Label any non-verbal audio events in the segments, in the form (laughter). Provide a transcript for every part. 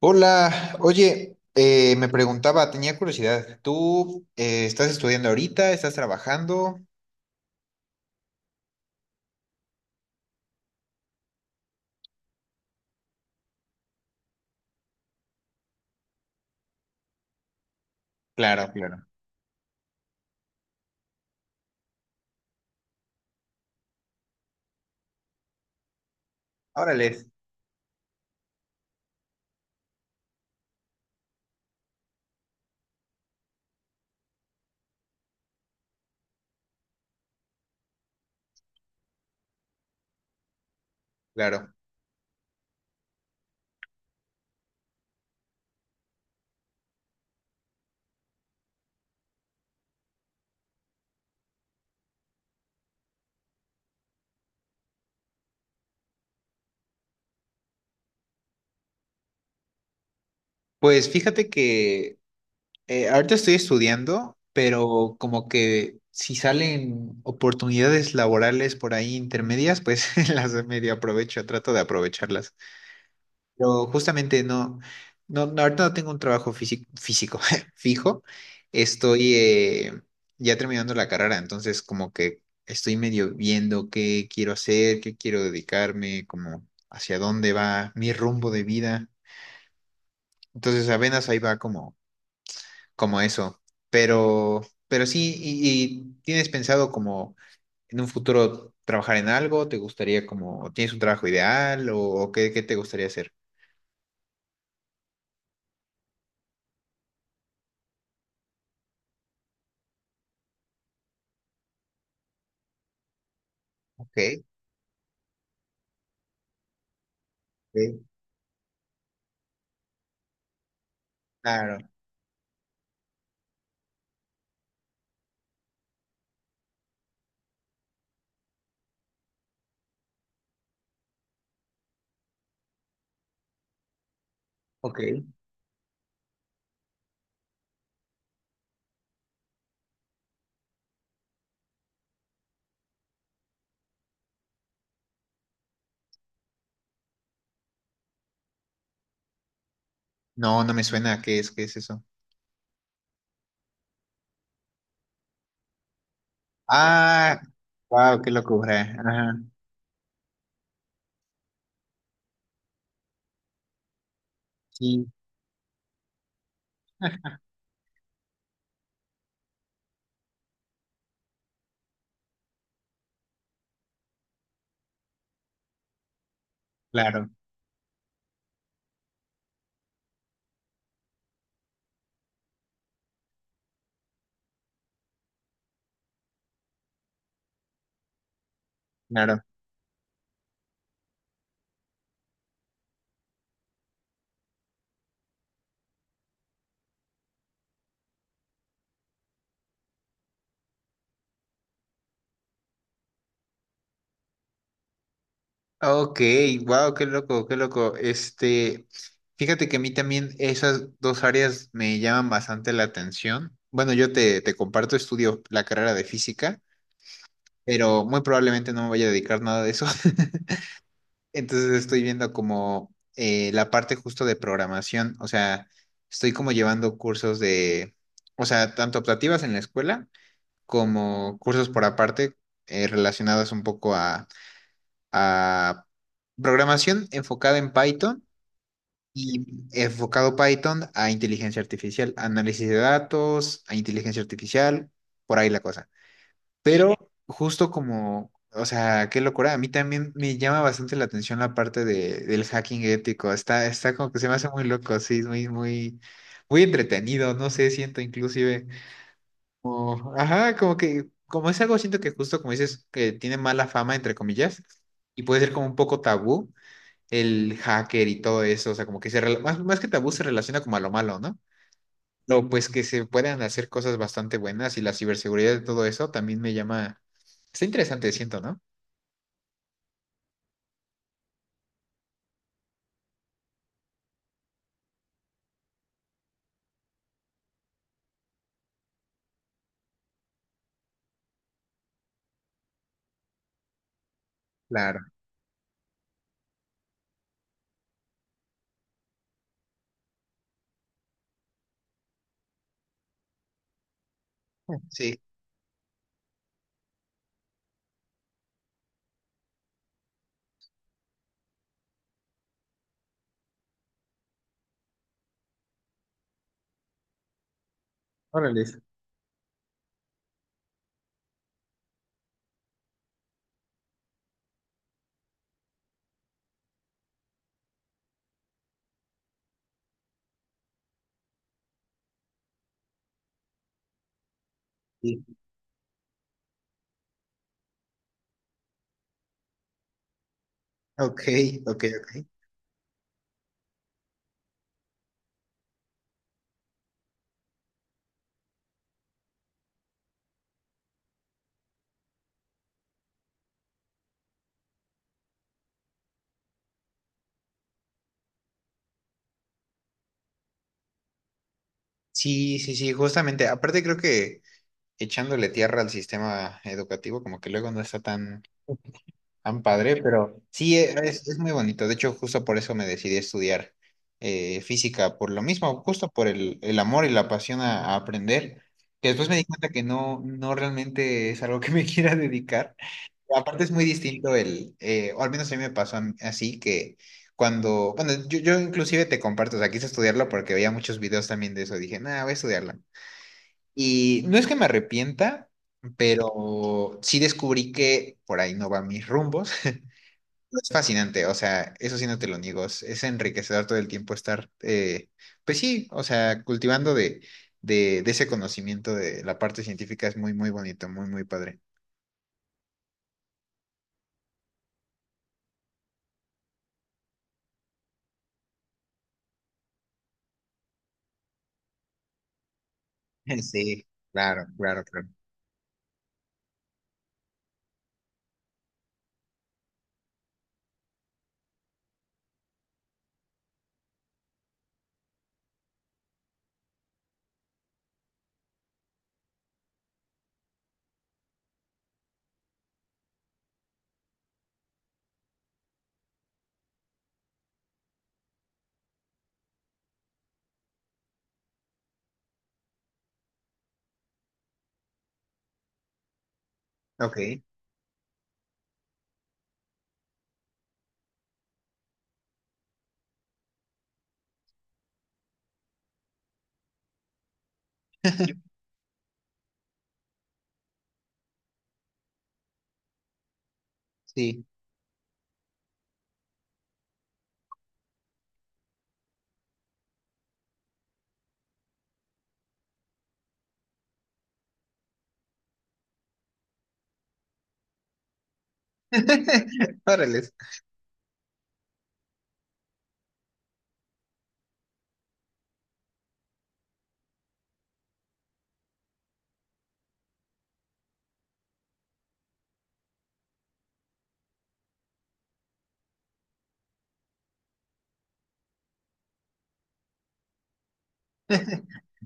Hola, oye, me preguntaba, tenía curiosidad, ¿tú estás estudiando ahorita? ¿Estás trabajando? Claro, claro. Órale, claro. Pues fíjate que ahorita estoy estudiando, pero como que si salen oportunidades laborales por ahí intermedias, pues (laughs) las medio aprovecho, trato de aprovecharlas. Pero justamente no, no, no, ahorita no tengo un trabajo físico, (laughs) fijo. Estoy ya terminando la carrera, entonces como que estoy medio viendo qué quiero hacer, qué quiero dedicarme, como hacia dónde va mi rumbo de vida. Entonces apenas ahí va como, como eso. Pero, pero sí, y ¿tienes pensado como en un futuro trabajar en algo? ¿Te gustaría como, tienes un trabajo ideal o qué, qué te gustaría hacer? Ok, ok, claro, ok. No, no me suena. ¿Qué es? ¿Qué es eso? Ah, wow, qué locura. Ajá. Sí, claro, claro. Ok, wow, qué loco, qué loco. Este, fíjate que a mí también esas dos áreas me llaman bastante la atención. Bueno, yo te, te comparto, estudio la carrera de física, pero muy probablemente no me vaya a dedicar nada de eso. (laughs) Entonces estoy viendo como la parte justo de programación, o sea, estoy como llevando cursos de, o sea, tanto optativas en la escuela como cursos por aparte relacionados un poco a programación enfocada en Python y enfocado Python a inteligencia artificial, análisis de datos, a inteligencia artificial, por ahí la cosa. Pero justo como, o sea, qué locura, a mí también me llama bastante la atención la parte de, del hacking ético, está, está como que se me hace muy loco, sí, es muy, muy, muy entretenido, no sé, siento inclusive ajá, como que, como es algo, siento que justo como dices, que tiene mala fama, entre comillas, y puede ser como un poco tabú el hacker y todo eso, o sea, como que se, más, más que tabú se relaciona como a lo malo, ¿no? Pero pues que se puedan hacer cosas bastante buenas y la ciberseguridad de todo eso también me llama, está interesante, siento, ¿no? Claro, sí, órale. Sí. Ok, ok, ok. Sí, sí, sí, justamente, aparte creo que echándole tierra al sistema educativo, como que luego no está tan tan padre, pero sí, es muy bonito. De hecho, justo por eso me decidí a estudiar física, por lo mismo, justo por el amor y la pasión a aprender, que después me di cuenta que no, no realmente es algo que me (laughs) quiera dedicar. Aparte es muy distinto el, o al menos a mí me pasó así, que cuando, bueno, yo inclusive te comparto, o sea, quise estudiarlo porque veía muchos videos también de eso, dije, nada, voy a estudiarlo. Y no es que me arrepienta, pero sí descubrí que por ahí no van mis rumbos. (laughs) Es fascinante, o sea, eso sí no te lo niego, es enriquecedor todo el tiempo estar, pues sí, o sea, cultivando de ese conocimiento de la parte científica es muy, muy bonito, muy, muy padre. (laughs) Sí, claro, claro, claro. Ok, sí. (laughs) Órale.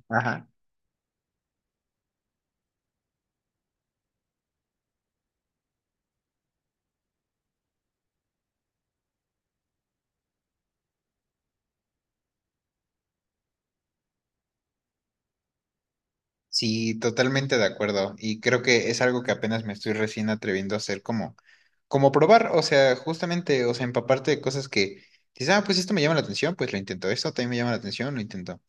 Ajá. Sí, totalmente de acuerdo. Y creo que es algo que apenas me estoy recién atreviendo a hacer como, como probar, o sea, justamente, o sea, empaparte de cosas que dices, ah, pues esto me llama la atención, pues lo intento, esto también me llama la atención, lo intento.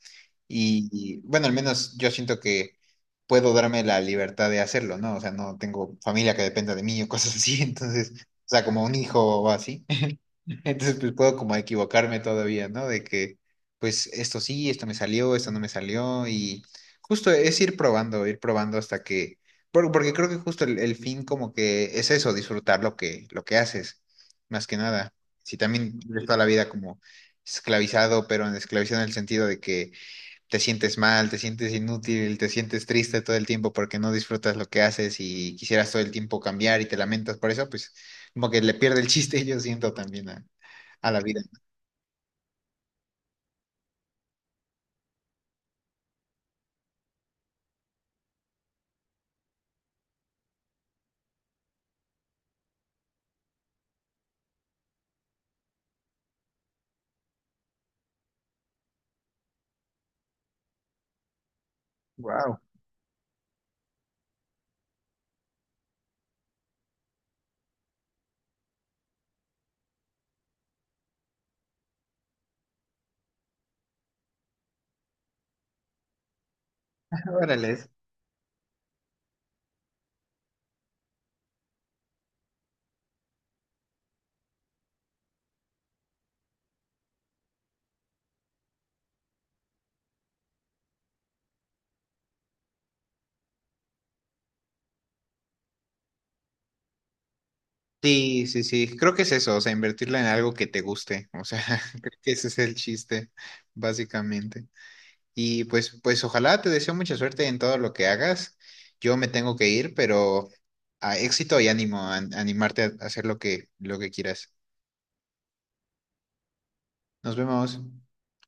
Y bueno, al menos yo siento que puedo darme la libertad de hacerlo, ¿no? O sea, no tengo familia que dependa de mí o cosas así, (laughs) entonces, o sea, como un hijo o así. (laughs) Entonces, pues puedo como equivocarme todavía, ¿no? De que, pues esto sí, esto me salió, esto no me salió, y justo es ir probando hasta que, porque creo que justo el fin como que es eso, disfrutar lo que haces, más que nada. Si también vives toda la vida como esclavizado, pero en esclavizado en el sentido de que te sientes mal, te sientes inútil, te sientes triste todo el tiempo porque no disfrutas lo que haces y quisieras todo el tiempo cambiar y te lamentas por eso, pues como que le pierde el chiste, (laughs) yo siento también a la vida. Wow. (laughs) Órale. Sí, sí, sí, creo que es eso, o sea, invertirla en algo que te guste, o sea, (laughs) creo que ese es el chiste, básicamente. Y pues, pues ojalá te deseo mucha suerte en todo lo que hagas. Yo me tengo que ir, pero a éxito y ánimo, a, animarte a hacer lo que quieras. Nos vemos.